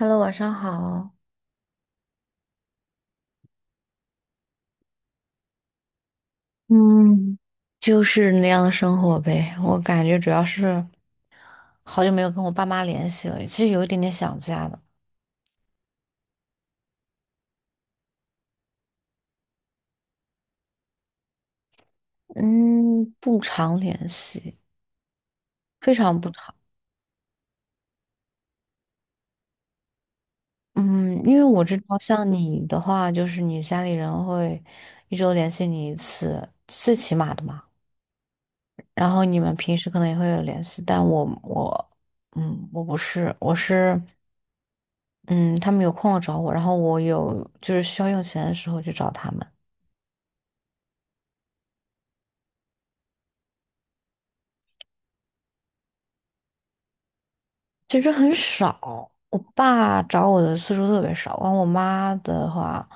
Hello，晚上好。嗯，就是那样的生活呗，我感觉主要是好久没有跟我爸妈联系了，其实有一点点想家的。嗯，不常联系，非常不常。嗯，因为我知道像你的话，就是你家里人会一周联系你一次，最起码的嘛。然后你们平时可能也会有联系，但我不是，我是嗯，他们有空了找我，然后我有就是需要用钱的时候去找他们，其实很少。我爸找我的次数特别少，完我妈的话，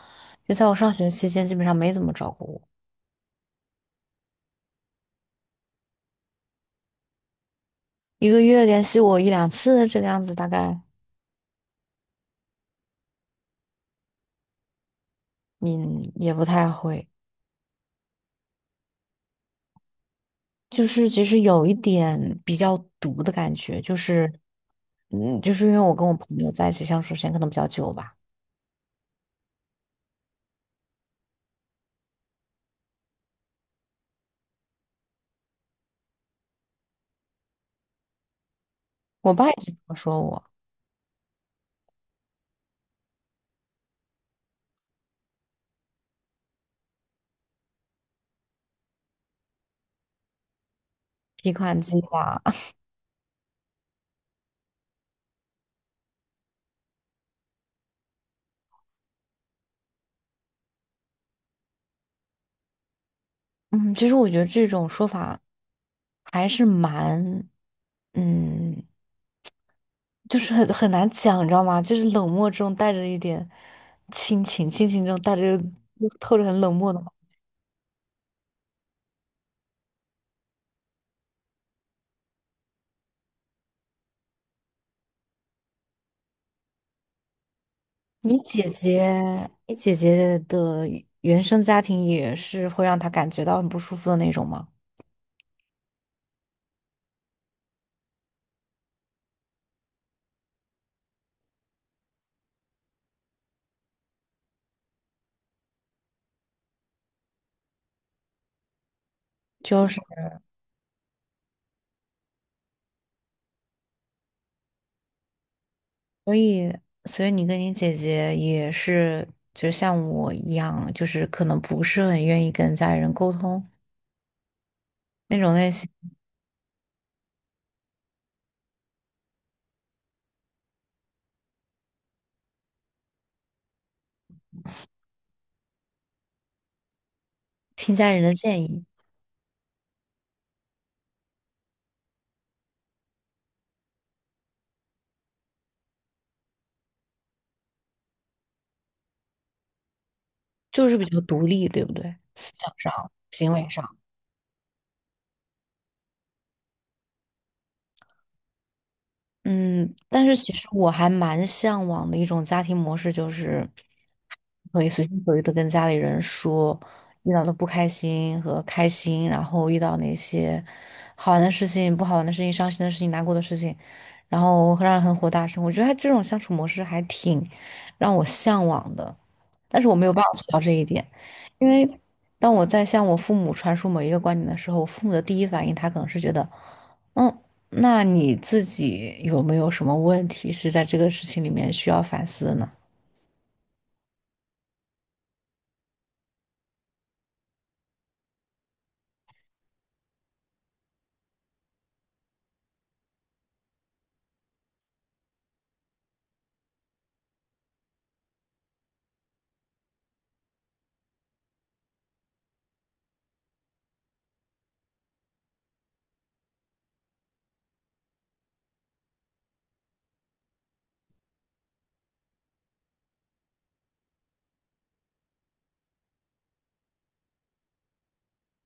就在我上学期间基本上没怎么找过我，一个月联系我一两次这个样子，大概你也不太会。就是其实有一点比较毒的感觉，就是因为我跟我朋友在一起相处时间可能比较久吧，我爸也是这么说我，提款机啦。嗯，其实我觉得这种说法还是蛮，嗯，就是很难讲，你知道吗？就是冷漠中带着一点亲情，亲情中带着透着很冷漠的。你姐姐，你姐姐的原生家庭也是会让她感觉到很不舒服的那种吗？就是。所以，所以你跟你姐姐也是，就像我一样，就是可能不是很愿意跟家里人沟通那种类型，听家里人的建议，就是比较独立，对不对？思想上，行为上。嗯，但是其实我还蛮向往的一种家庭模式，就是可以随心所欲的跟家里人说遇到的不开心和开心，然后遇到那些好玩的事情、不好玩的事情、伤心的事情、难过的事情，然后让人很火大声。我觉得他这种相处模式还挺让我向往的，但是我没有办法做到这一点，因为当我在向我父母传输某一个观点的时候，我父母的第一反应他可能是觉得，嗯。那你自己有没有什么问题是在这个事情里面需要反思的呢？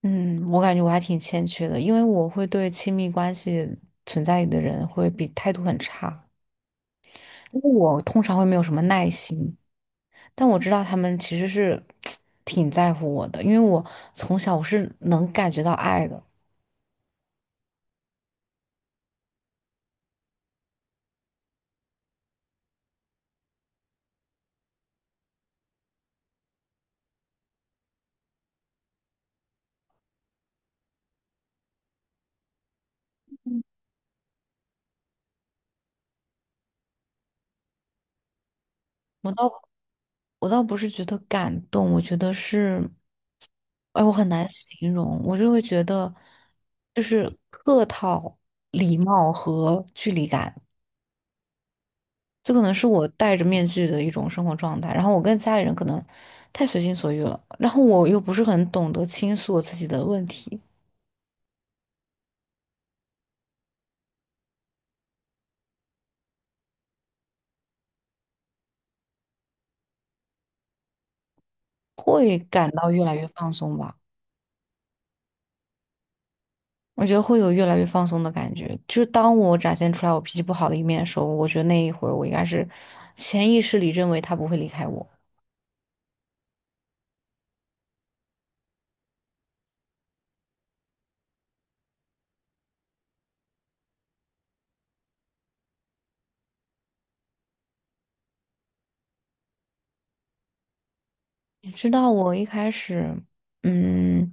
嗯，我感觉我还挺欠缺的，因为我会对亲密关系存在的人会比态度很差，因为我通常会没有什么耐心，但我知道他们其实是 挺在乎我的，因为我从小我是能感觉到爱的。我到我倒不是觉得感动，我觉得是，哎，我很难形容，我就会觉得，就是客套、礼貌和距离感，这可能是我戴着面具的一种生活状态。然后我跟家里人可能太随心所欲了，然后我又不是很懂得倾诉我自己的问题，会感到越来越放松吧。我觉得会有越来越放松的感觉，就是当我展现出来我脾气不好的一面的时候，我觉得那一会儿我应该是潜意识里认为他不会离开我。你知道我一开始，嗯，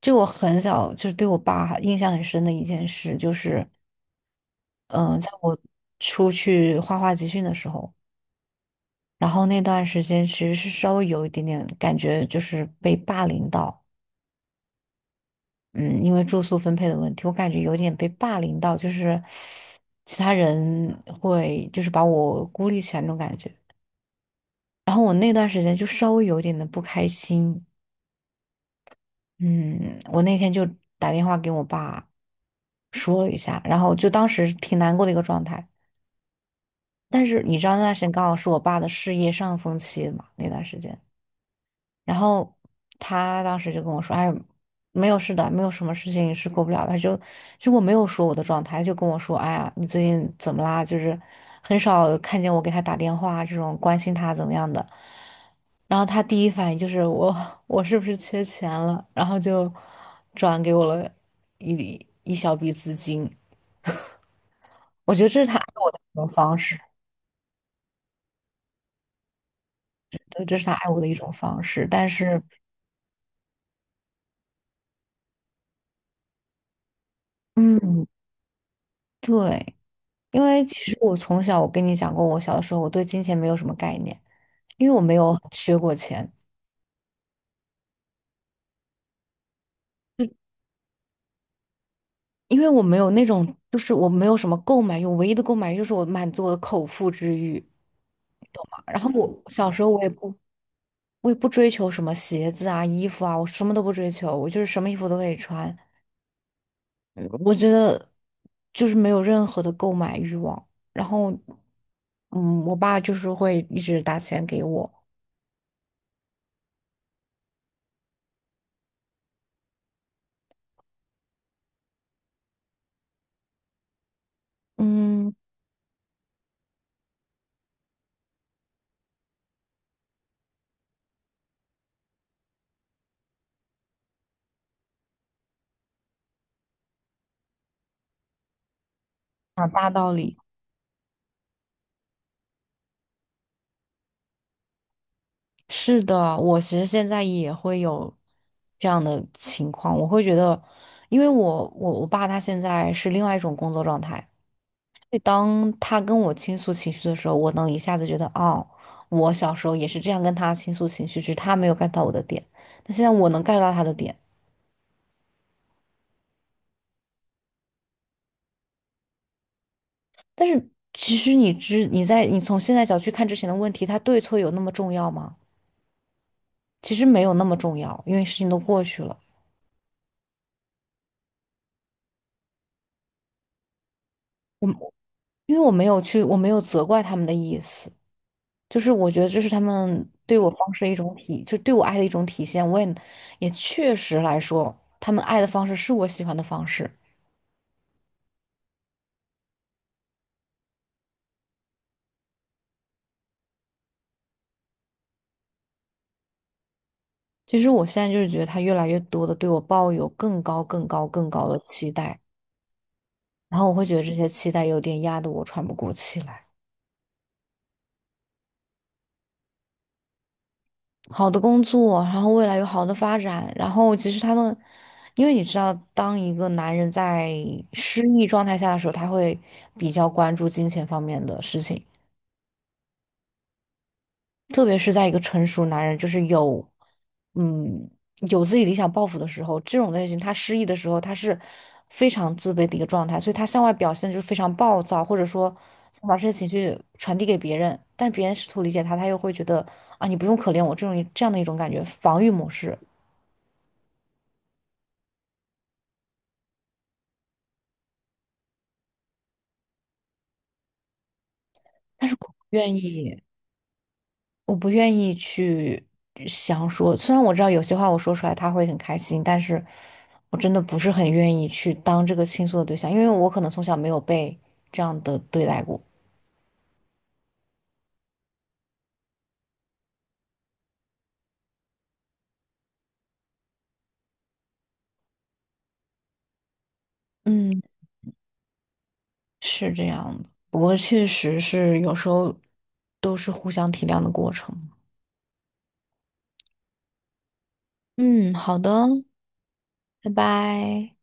就我很小，就是对我爸印象很深的一件事，在我出去画画集训的时候，然后那段时间其实是稍微有一点点感觉，就是被霸凌到，嗯，因为住宿分配的问题，我感觉有点被霸凌到，就是其他人会就是把我孤立起来那种感觉，然后我那段时间就稍微有一点的不开心。嗯，我那天就打电话给我爸，说了一下，然后就当时挺难过的一个状态。但是你知道那段时间刚好是我爸的事业上峰期嘛，那段时间，然后他当时就跟我说："哎，没有事的，没有什么事情是过不了的。"就结果我没有说我的状态，就跟我说："哎呀，你最近怎么啦？就是很少看见我给他打电话啊这种关心他怎么样的。"然后他第一反应就是我是不是缺钱了？然后就转给我了一小笔资金。我觉得这是他爱我的一种方式，对，这是他爱我的一种方式。但是，嗯，对，因为其实我从小，我跟你讲过，我小的时候我对金钱没有什么概念，因为我没有缺过钱，就因为我没有那种，就是我没有什么购买欲，我唯一的购买欲就是我满足我的口腹之欲，懂吗？然后我小时候我也不，我也不追求什么鞋子啊、衣服啊，我什么都不追求，我就是什么衣服都可以穿。嗯我觉得就是没有任何的购买欲望。然后，我爸就是会一直打钱给我。嗯，讲大道理。是的，我其实现在也会有这样的情况，我会觉得，因为我爸他现在是另外一种工作状态，所以当他跟我倾诉情绪的时候，我能一下子觉得，哦，我小时候也是这样跟他倾诉情绪，只是他没有 get 到我的点，但现在我能 get 到他的点。但是其实你在你从现在角去看之前的问题，它对错有那么重要吗？其实没有那么重要，因为事情都过去了。我因为我没有去，我没有责怪他们的意思，就是我觉得这是他们对我方式的一种体，就对我爱的一种体现。也确实来说，他们爱的方式是我喜欢的方式。其实我现在就是觉得他越来越多的对我抱有更高、更高、更高的期待，然后我会觉得这些期待有点压得我喘不过气来。好的工作，然后未来有好的发展，然后其实他们，因为你知道，当一个男人在失意状态下的时候，他会比较关注金钱方面的事情，特别是在一个成熟男人，嗯，有自己理想抱负的时候，这种类型他失意的时候，他是非常自卑的一个状态，所以他向外表现就是非常暴躁，或者说想把这些情绪传递给别人，但别人试图理解他，他又会觉得啊，你不用可怜我这种这样的一种感觉，防御模式。愿意，我不愿意去想说。虽然我知道有些话我说出来他会很开心，但是我真的不是很愿意去当这个倾诉的对象，因为我可能从小没有被这样的对待过。嗯，是这样的。不过确实是有时候都是互相体谅的过程。嗯，好的，拜拜。